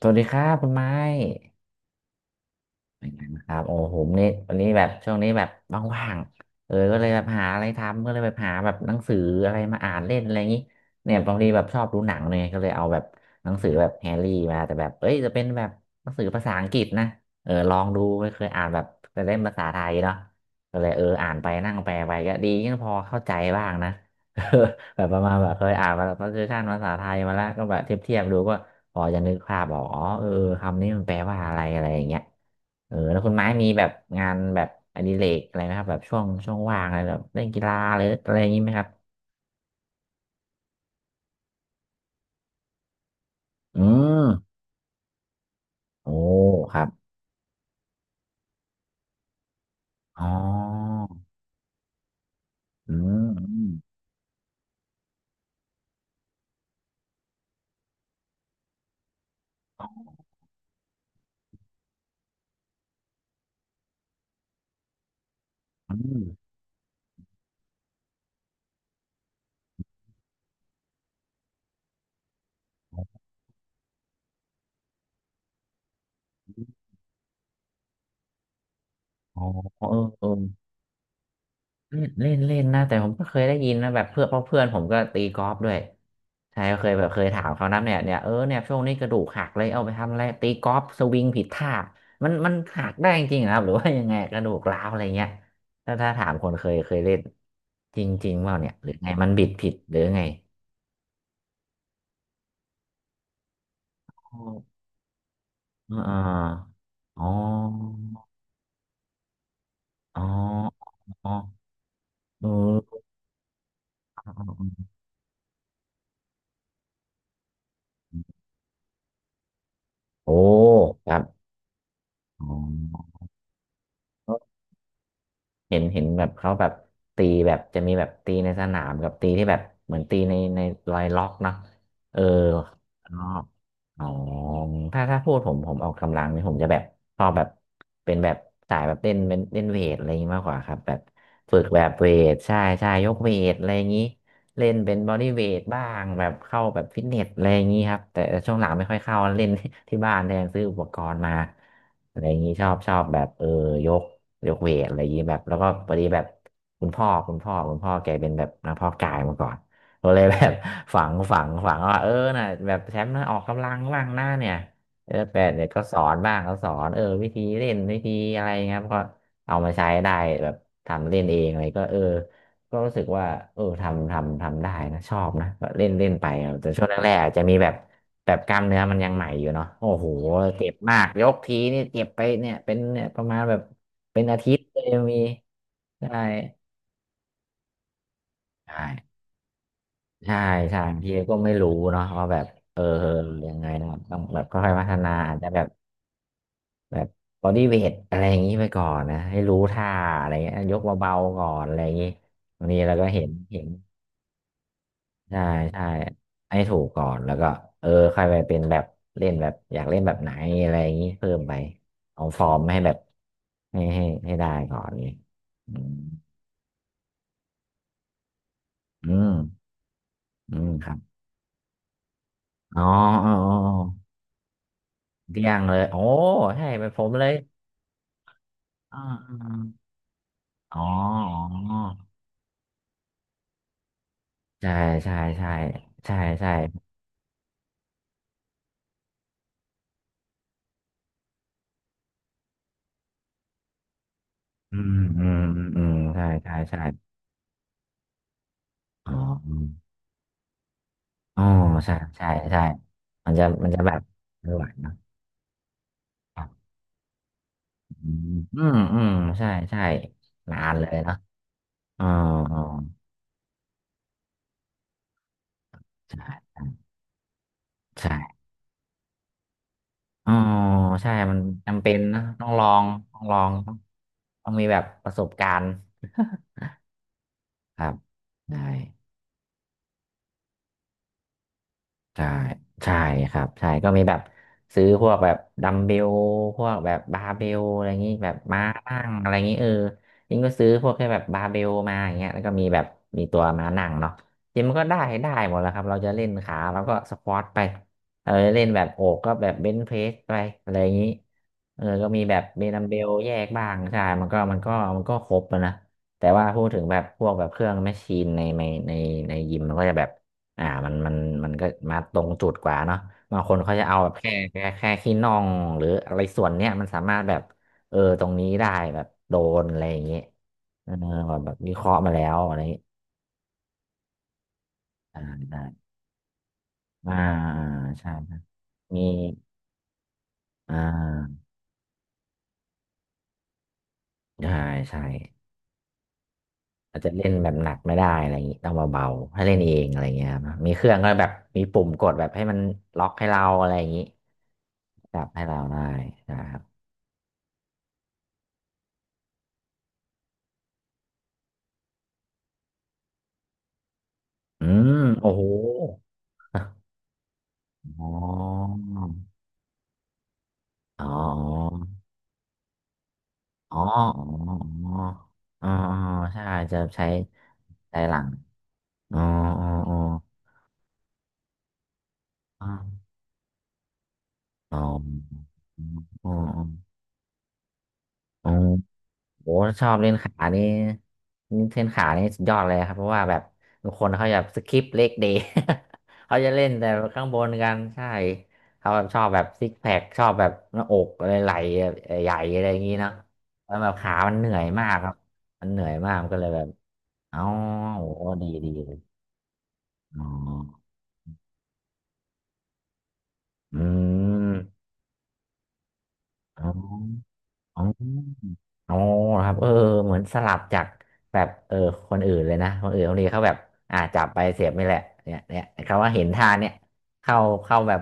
สวัสดีครับคุณไม้เป็นไงบ้างครับโอ้ผมนี่วันนี้แบบช่วงนี้แบบว่างๆก็เลยแบบหาอะไรทำก็เลยแบบหาแบบหนังสืออะไรมาอ่านเล่นอะไรอย่างนี้เนี่ยบางทีแบบชอบดูหนังเนี่ยก็เลยเอาแบบหนังสือแบบแฮร์รี่มาแต่แบบเอ้ยจะเป็นแบบหนังสือภาษาอังกฤษนะเออลองดูไม่เคยอ่านแบบแต่เล่มภาษาไทยเนาะก็เลยเอออ่านไปนั่งแปลไปก็ดียังพอเข้าใจบ้างนะ แบบประมาณแบบเคยอ่านมาแบบ translation ภาษาไทยมาแล้วก็แบบเทียบดูก็พอจะนึกภาพออกอ๋อเออคำนี้มันแปลว่าอะไรอะไรอย่างเงี้ยเออแล้วคุณไม้มีแบบงานแบบอดิเรกอะไรไหมครับแบบช่วงว่างอะไรแบบเล่นกีฬาหรืออะไรอย่างงี้ไหมครับอืมโอ้ครับอ๋ออืมอืมอืมอ๋อเออเออ เล่นเล่นเล่นนะแต่ผมก็เคยได้ยินนะแบบเพื่อนเพราะเพื่อนผมก็ตีกอล์ฟด้วยใช่ก็เคยแบบเคยถามเขานะเนี่ยเนี่ยเออเนี่ยช่วงนี้กระดูกหักเลยเอาไปทำอะไรตีกอล์ฟสวิงผิดท่ามันมันหักได้จริงๆเหรอครับหรือว่ายังไงกระดูกร้าวอะไรเงี้ยถ้าถามคนเคยเล่นจริงๆเปล่าเนี่ยหรือไงมันบิดผิดหรือไงอ๋อเอ๋ออ๋ออ๋ออ๋อเออโอ้ครับอ๋อ เห็นเห็นแบบเขาแบบตีแบบจะมีแบบตีในสนามกับตีที่แบบเหมือนตีในรอยล็อกเนาะเอออ๋ออ๋อถ้าพูดผมออกกำลังนี่ผมจะแบบชอบแบบเป็นแบบสายแบบเล่นเป็นเล่นเวทอะไรอย่างนี้มากกว่าครับแบบฝึกแบบเวทใช่ใช่ยกเวทอะไรอย่างนี้เล่นเป็นบอดี้เวทบ้างแบบเข้าแบบฟิตเนสอะไรอย่างนี้ครับแต่ช่วงหลังไม่ค่อยเข้าเล่น ที่บ้านแทนซื้ออุปกรณ์มาอะไรอย่างนี้ชอบชอบแบบเออยก ยกเวทอะไรอย่างนี้แบบแล้วก็พอดีแบบคุณพ่อแกเป็นแบบนักเพาะกายมาก่อนก็เลยแบบ ฝังว่าเออน่ะแบบแชมป์นะออกกำลังบ้างหน้าเนี่ยเออแปดเนี่ยก็สอนบ้างก็สอนเออวิธีเล่นวิธีอะไรเงี้ยครับก็เอามาใช้ได้แบบทำเล่นเองอะไรก็เออก็รู้สึกว่าเออทำได้นะชอบนะก็เล่นเล่นไปครับแต่ช่วงแรกๆอาจจะมีแบบแบบกล้ามเนื้อมันยังใหม่อยู่เนาะโอ้โหเจ็บมากยกทีนี่เจ็บไปเนี่ยเป็นเนี่ยประมาณแบบ เป็นอาทิตย์เลยมีใช่ใช่ใช่ใช่บางทีก็ไม่รู้เนาะว่าแบบเออเออยังไงนะครับต้องแบบค่อยๆพัฒนาอาจจะแบบแบบบอดี้เวทอะไรอย่างนี้ไปก่อนนะให้รู้ท่าอะไรเงี้ยยกเบาๆก่อนอะไรอย่างนี้บางทีเราก็เห็นเห็นใช่ใช่ให้ถูกก่อนแล้วก็เออค่อยไปเป็นแบบเล่นแบบอยากเล่นแบบไหนอะไรอย่างนี้เพิ่มไปเอาฟอร์มให้แบบให้ได้ก่อนนี้อืมอืมอืมครับ อ๋ออ๋ออ๋อเดี่ยงเลยโอ้ใช่เป็นผมเลยอ๋ออ๋ออ๋อใช่ใช่ใช่ใช่ใช่อืมอืมอืมอืมใช่ใช่ใช่อ๋ออืมอ๋อใช่ใช่ใช่มันจะแบบไม่ไหวเนอะครับอืมอืมอืมใช่ใช่นานเลยเนอะอ๋ออ๋อใช่ใช่อ๋อใช่มันจำเป็นนะต้องลองต้องต้องมีแบบประสบการณ์ ครับได้ ใช่ใช่ครับใช่ก็มีแบบซื้อพวกแบบดัมเบลพวกแบบบาร์เบลอะไรอย่างนี้แบบม้านั่งอะไรอย่างนี้เออยิ่งก็ซื้อพวกแค่แบบบาร์เบลมาอย่างเงี้ยแล้วก็มีแบบมีตัวม้านั่งเนาะจริงมันก็ได้ได้หมดแล้วครับเราจะเล่นขาเราก็สควอตไปเออเล่นแบบโอกก็แบบเบนช์เพรสไปอะไรอย่างนี้เออก็มีแบบเบดัมเบลแยกบ้างใช่มันก็ครบอะนะแต่ว่าพูดถึงแบบพวกแบบเครื่องแมชชีนในในยิมมันก็จะแบบ มันมันก็มาตรงจุดกว่าเนาะบางคนเขาจะเอาแบบแค่ขี้น่องหรืออะไรส่วนเนี้ยมันสามารถแบบเออตรงนี้ได้แบบโดนอะไรอย่างเงี้ยเออแบบวิเคราะห์มาแล้วอะไรอย่างงี้อ่าได้อ่าใช่ใช่มีอ่าใช่ใช่อาจจะเล่นแบบหนักไม่ได้อะไรอย่างงี้ต้องเบาๆให้เล่นเองอะไรอย่างเงี้ยครับมีเครื่องก็แบบมีปุ่มกดแบบให้มันล็อกให้เราอะไรอย่างงี้จับให้เราได้นะครับอืมโอ้โห อ๋ออ๋ออ๋ออ๋ออ๋ออ๋อใช่จะใช้ใช้หลังอ๋ออ๋ออ๋ออ๋ออ๋ออ๋อ โอ้ชอบเล่นขานี่เล่นขานี่สุดยอดเลยครับเพราะว่าแบบบางคนเขาจะสคิปเลกเดย์ เขาจะเล่นแต่ข้างบนกันใช่เขาแบบชอบแบบซิกแพคชอบแบบหน้าอกอะไรไหล่ใหญ่อะไรอย่างนี้เนอะแล้วแบบขามันเหนื่อยมากครับมันเหนื่อยมากมันก็เลยแบบเอ้าโอ้ดีดีเลยอ๋ออืมอ๋อ อ๋ออ๋อครับเออเหมือนสลับจากแบบเออคนอื่นเลยนะคนอื่นบางทีเขาแบบอ่าจับไปเสียบนี่แหละเนี่ยเนี่ยเขาว่าเห็นทานเนี่ยเข้าเข้าแบบ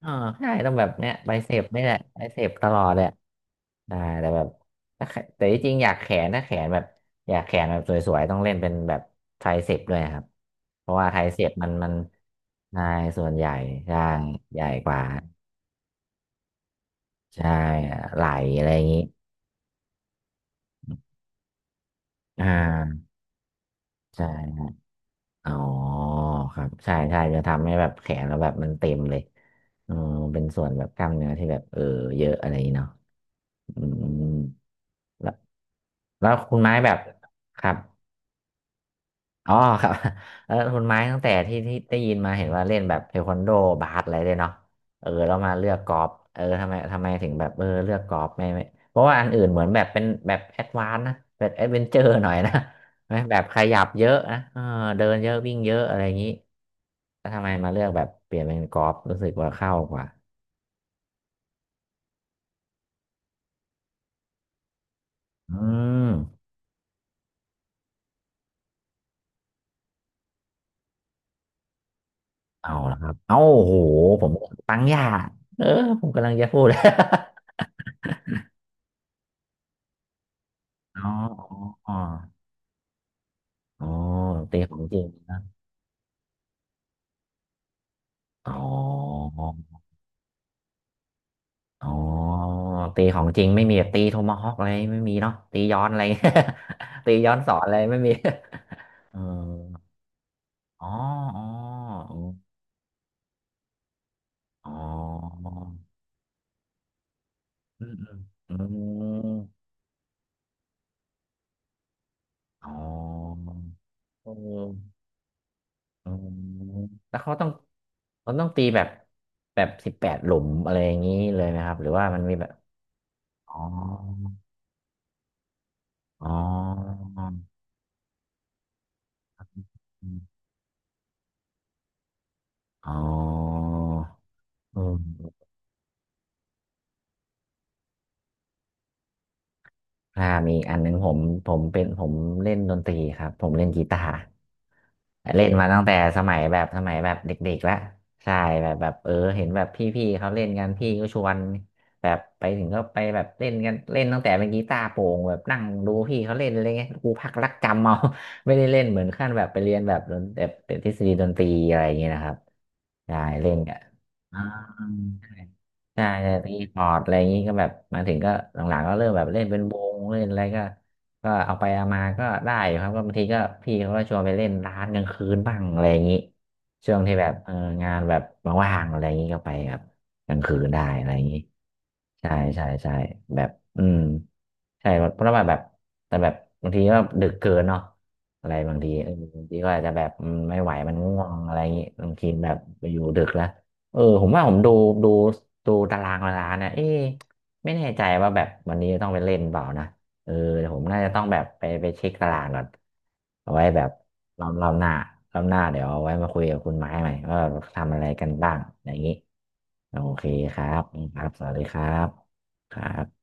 เออใช่ต้องแบบเนี่ยไปเสยบนี่แหละไปเสยบตลอดเลยได้แต่แบบถ้าแขแต่ที่จริงอยากแขนถ้าแขนแบบอยากแขนแบบสวยๆต้องเล่นเป็นแบบไทรเสพด้วยครับเพราะว่าไทรเสพมันใช่ส่วนใหญ่ใช่ใหญ่กว่าใช่ไหลอะไรอย่างนี้อ่าใช่ อ๋อครับ ใช่ใช่จะทำให้แบบแขนเราแบบมันเต็มเลยเออเป็นส่วนแบบกล้ามเนื้อที่แบบเออเยอะอะไรอย่างงี้เนาะอืมแล้วแล้วคุณไม้แบบครับ อ๋อครับ แล้วคุณไม้ตั้งแต่ที่ได้ยินมาเห็นว่าเล่นแบบเทควันโดบาสอะไรด้วยเนาะเออเรามาเลือกกอล์ฟเออทำไมถึงแบบเออเลือกกอล์ฟไม่ไม่เพราะว่าอันอื่นเหมือนแบบเป็นแบบแอดวานซ์นะแบบแอดเวนเจอร์หน่อยนะ ไหมแบบขยับเยอะนะเออเดินเยอะวิ่งเยอะอะไรอย่างนี้แล้วทำไมมาเลือกแบบเปลี่ยนเป็นกอล์ฟรู้สึกว่าเข้ากว่าอืมเอาละครับเอ้าโอ้โหผมปังยาเออผมกำลังจะพูด อ๋ออ๋ออ๋อตีของจริง อ๋ออ๋อตีของจริงไม่มีแบบตีโทมาฮอกอะไรไม่มีเนาะตีย้อนอะไร ตีย้อนสอนอะไรไม่มี เอออ๋ออ๋ออ๋ออืมอืมอืมอ๋อเอออืมแล้วเขาต้องตีแบบ18หลุมอะไรอย่างนี้เลยไหมครับหรือว่ามันมีแบบอ๋ออ๋ออ๋ออออืม อ่ามีอีกอันหนึงผมผมเป็นผมเล่นดนตรีครับผมเล่นกีตาร์เล่นมาตั้งแต่สมัยแบบเด็กๆแล้วใช่แบบเออเห็นแบบพี่ๆเขาเล่นกันพี่ก็ชวนแบบไปถึงก็ไปแบบเล่นกันเล่นตั้งแต่เป็นกีตาร์โปร่งแบบนั่งดูพี่เขาเล่นอะไรเงี้ยกูพักรักจำเอา ไม่ได้เล่นเหมือนขั้นแบบไปเรียนแบบเป็นทฤษฎีดนตรีอะไรอย่างเงี้ยนะครับใช่เล่นกันอ่า ใช่ใช่ตีพอร์ตอะไรอย่างนี้ก็แบบมาถึงก็หลังๆก็เริ่มแบบเล่นเป็นวงเล่นอะไรก็ก็เอาไปเอามาก็ได้อยู่ครับก็บางทีก็พี่เขาก็ชวนไปเล่นร้านกลางคืนบ้างอะไรอย่างนี้ช่วงที่แบบเอองานแบบว่างๆอะไรอย่างนี้ก็ไปครับกลางคืนได้อะไรอย่างนี้ใช่ใช่ใช่แบบอืมใช่เพราะว่าแบบแต่แบบบางทีก็ดึกเกินเนาะอะไรบางทีเออบางทีก็อาจจะแบบอืมไม่ไหวมันง่วงอะไรอย่างนี้บางทีแบบไปอยู่ดึกแล้ว เออผมว่าผมดูดูตารางเวลานะเอ๊ะไม่แน่ใจว่าแบบวันนี้จะต้องไปเล่นเปล่านะเออเดี๋ยวผมน่าจะต้องแบบไปเช็คตารางก่อนเอาไว้แบบรอบหน้ารอบหน้าเดี๋ยวเอาไว้มาคุยกับคุณไม้ใหม่ว่าเราทำอะไรกันบ้างอย่างนี้โอเคครับครับสวัสดีครับครับ